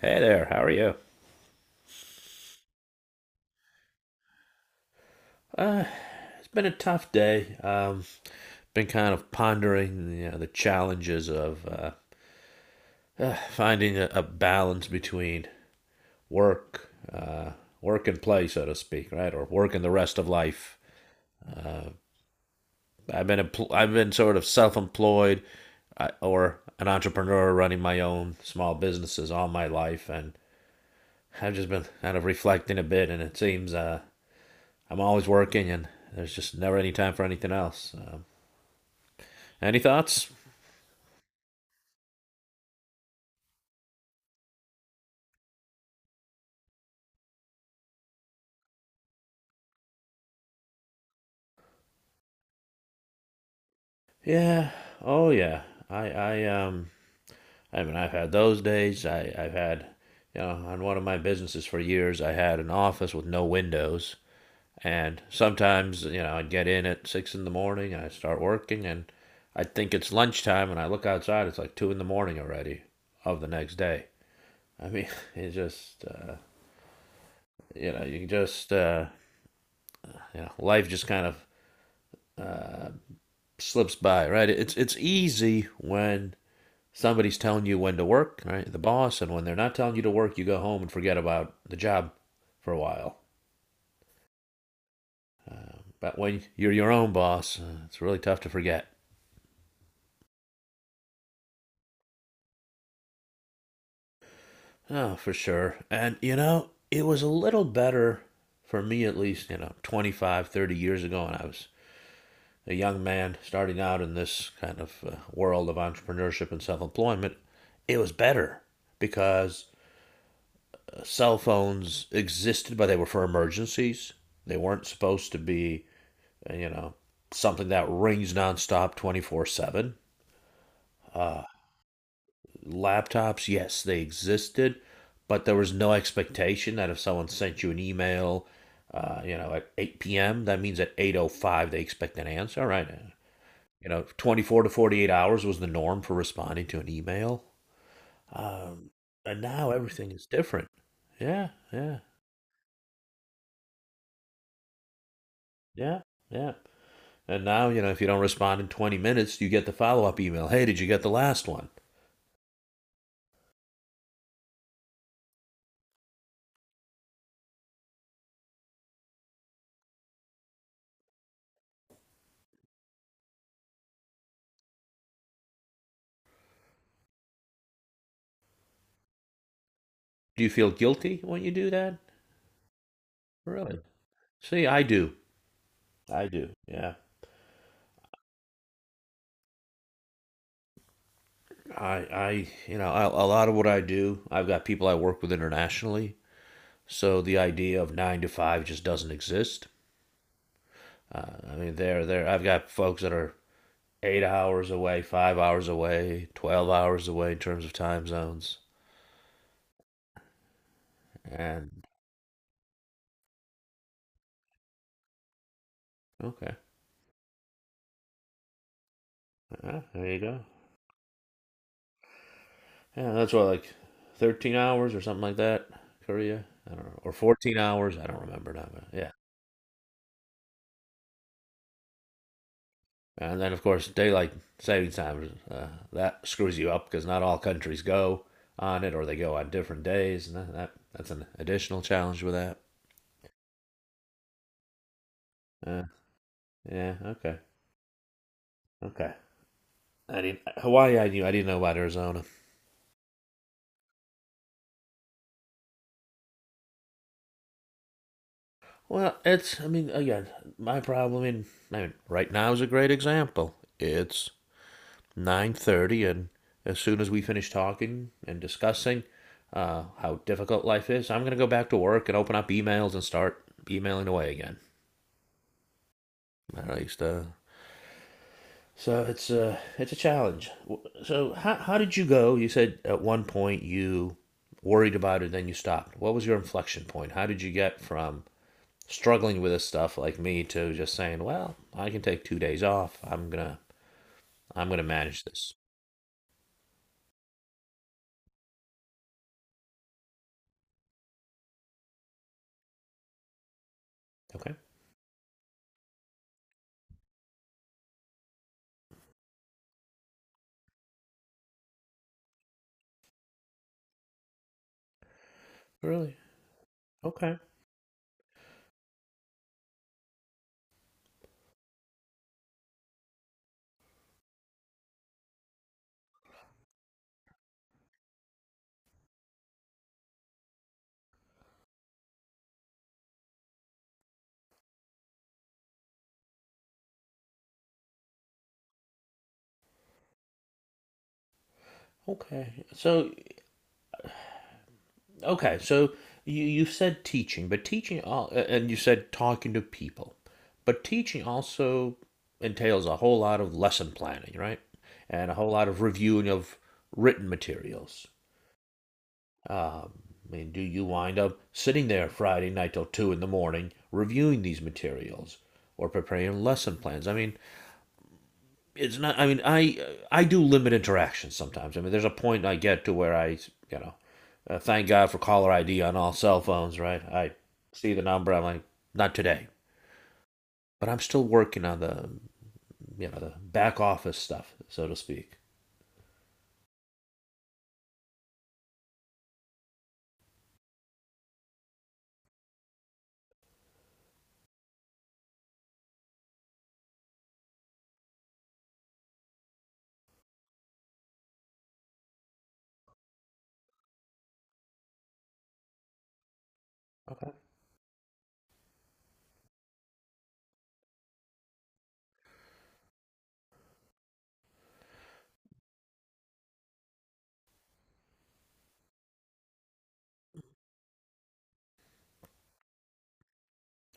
Hey there, how are you? It's been a tough day. Been kind of pondering, the challenges of finding a balance between work, uh, work and play, so to speak, right, or work and the rest of life. I've been sort of self-employed, or an entrepreneur running my own small businesses all my life, and I've just been kind of reflecting a bit, and it seems I'm always working, and there's just never any time for anything else. Any thoughts? Yeah. Oh, yeah. I I um I mean, I've had those days. I've had, on one of my businesses for years, I had an office with no windows, and sometimes, I'd get in at 6 in the morning and I start working, and I think it's lunchtime, and I look outside, it's like 2 in the morning already, of the next day. I mean, it's just you know you just uh, life just kind of uh, slips by, right. It's easy when somebody's telling you when to work, right? The boss. And when they're not telling you to work, you go home and forget about the job for a while. But when you're your own boss, it's really tough to forget. Oh, for sure. And, it was a little better for me, at least, 25, 30 years ago when I was a young man starting out in this kind of world of entrepreneurship and self employment. It was better because cell phones existed, but they were for emergencies. They weren't supposed to be uh, you know, something that rings nonstop 24/7. Uh, Laptops, yes, they existed, but there was no expectation that if someone sent you an email, at 8 p.m., that means at 8:05 they expect an answer, right? 24 to 48 hours was the norm for responding to an email. Um, and now everything is different. Yeah, yeah, yeah, yeah. And now, if you don't respond in 20 minutes, you get the follow up email. Hey, did you get the last one? Do you feel guilty when you do that? Really? See, I do. I do. Yeah. I, you know, I, a lot of what I do, I've got people I work with internationally, so the idea of 9 to 5 just doesn't exist. Uh, I mean, they're there. I've got folks that are 8 hours away, 5 hours away, 12 hours away in terms of time zones. And, okay. There you go. Yeah, that's what, like, 13 hours or something like that. Korea, I don't know, or 14 hours. I don't remember now, but, yeah. And then, of course, daylight saving time, that screws you up because not all countries go on it, or they go on different days, and that's an additional challenge with that. Uh, yeah. Okay. Okay. I didn't — Hawaii, I knew. I didn't know about Arizona. Well, it's — I mean, again, my problem. I mean right now is a great example. It's 9:30, and as soon as we finish talking and discussing how difficult life is, I'm gonna go back to work and open up emails and start emailing away again. I used to. So it's a challenge. So how did you go? You said at one point you worried about it, then you stopped. What was your inflection point? How did you get from struggling with this stuff like me to just saying, "Well, I can take 2 days off. I'm gonna manage this." Okay, really? Okay, okay. So, okay, so you said teaching, but and you said talking to people, but teaching also entails a whole lot of lesson planning, right? And a whole lot of reviewing of written materials. Um, I mean, do you wind up sitting there Friday night till 2 in the morning reviewing these materials or preparing lesson plans? I mean, it's not. I mean, I do limit interactions sometimes. I mean, there's a point I get to where I, you know, thank God for caller ID on all cell phones, right? I see the number. I'm like, not today. But I'm still working on the back office stuff, so to speak. Okay.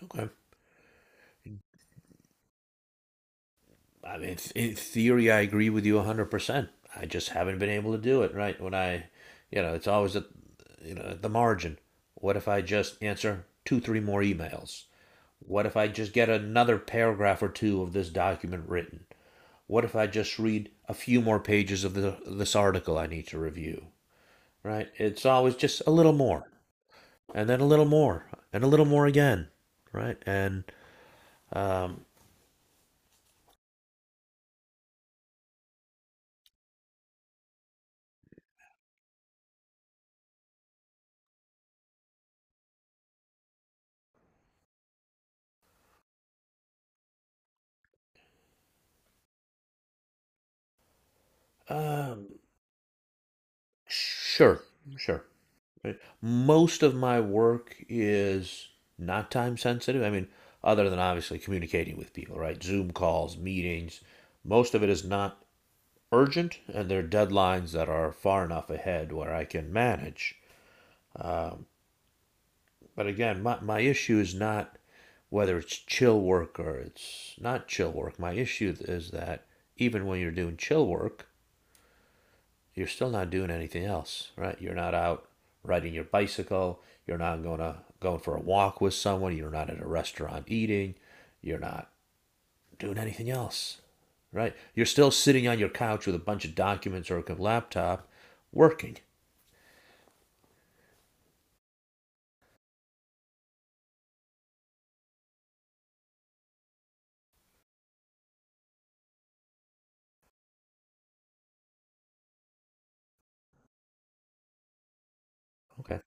Okay. I mean, in theory, I agree with you 100%. I just haven't been able to do it, right? It's always at, at the margin. What if I just answer two, three more emails? What if I just get another paragraph or two of this document written? What if I just read a few more pages of this article I need to review, right? It's always just a little more, and then a little more, and a little more again, right? And, um, um, sure, sure. Right. Most of my work is not time sensitive. I mean, other than obviously communicating with people, right? Zoom calls, meetings. Most of it is not urgent, and there are deadlines that are far enough ahead where I can manage. But again, my issue is not whether it's chill work or it's not chill work. My issue is that even when you're doing chill work, you're still not doing anything else, right? You're not out riding your bicycle. You're not going for a walk with someone. You're not at a restaurant eating. You're not doing anything else, right? You're still sitting on your couch with a bunch of documents or a laptop, working. Okay.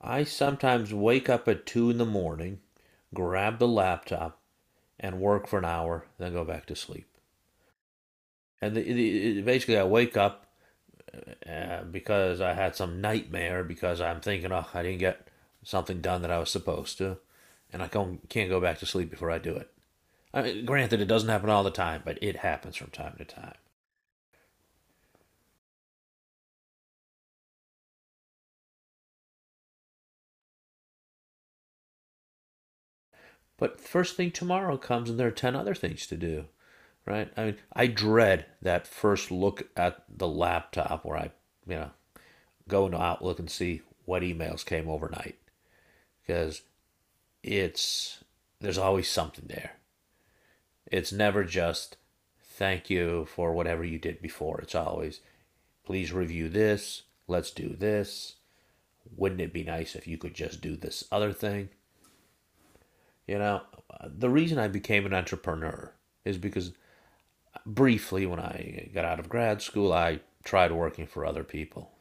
I sometimes wake up at 2 in the morning, grab the laptop, and work for an hour, then go back to sleep. And basically, I wake up because I had some nightmare because I'm thinking, oh, I didn't get something done that I was supposed to, and I not go back to sleep before I do it. I mean, granted, it doesn't happen all the time, but it happens from time to time. But first thing tomorrow comes, and there are 10 other things to do, right? I mean, I dread that first look at the laptop where I, you know, go into Outlook and see what emails came overnight because it's, there's always something there. It's never just thank you for whatever you did before. It's always, please review this. Let's do this. Wouldn't it be nice if you could just do this other thing? You know, the reason I became an entrepreneur is because briefly when I got out of grad school, I tried working for other people.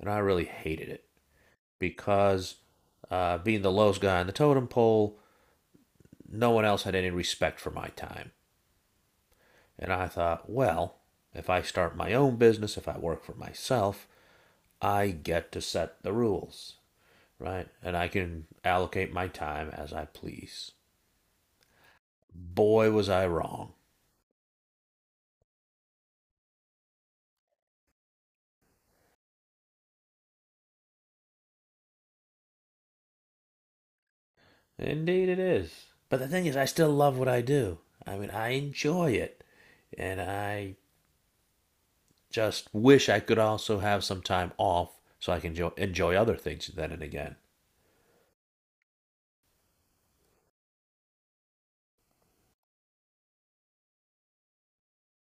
And I really hated it because, being the lowest guy on the totem pole, no one else had any respect for my time. And I thought, well, if I start my own business, if I work for myself, I get to set the rules, right? And I can allocate my time as I please. Boy, was I wrong. Indeed, it is. But the thing is, I still love what I do. I mean, I enjoy it. And I just wish I could also have some time off so I can enjoy other things then and again.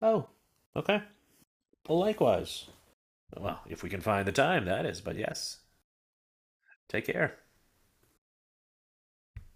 Oh, okay. Well, likewise. Well, if we can find the time, that is. But yes, take care.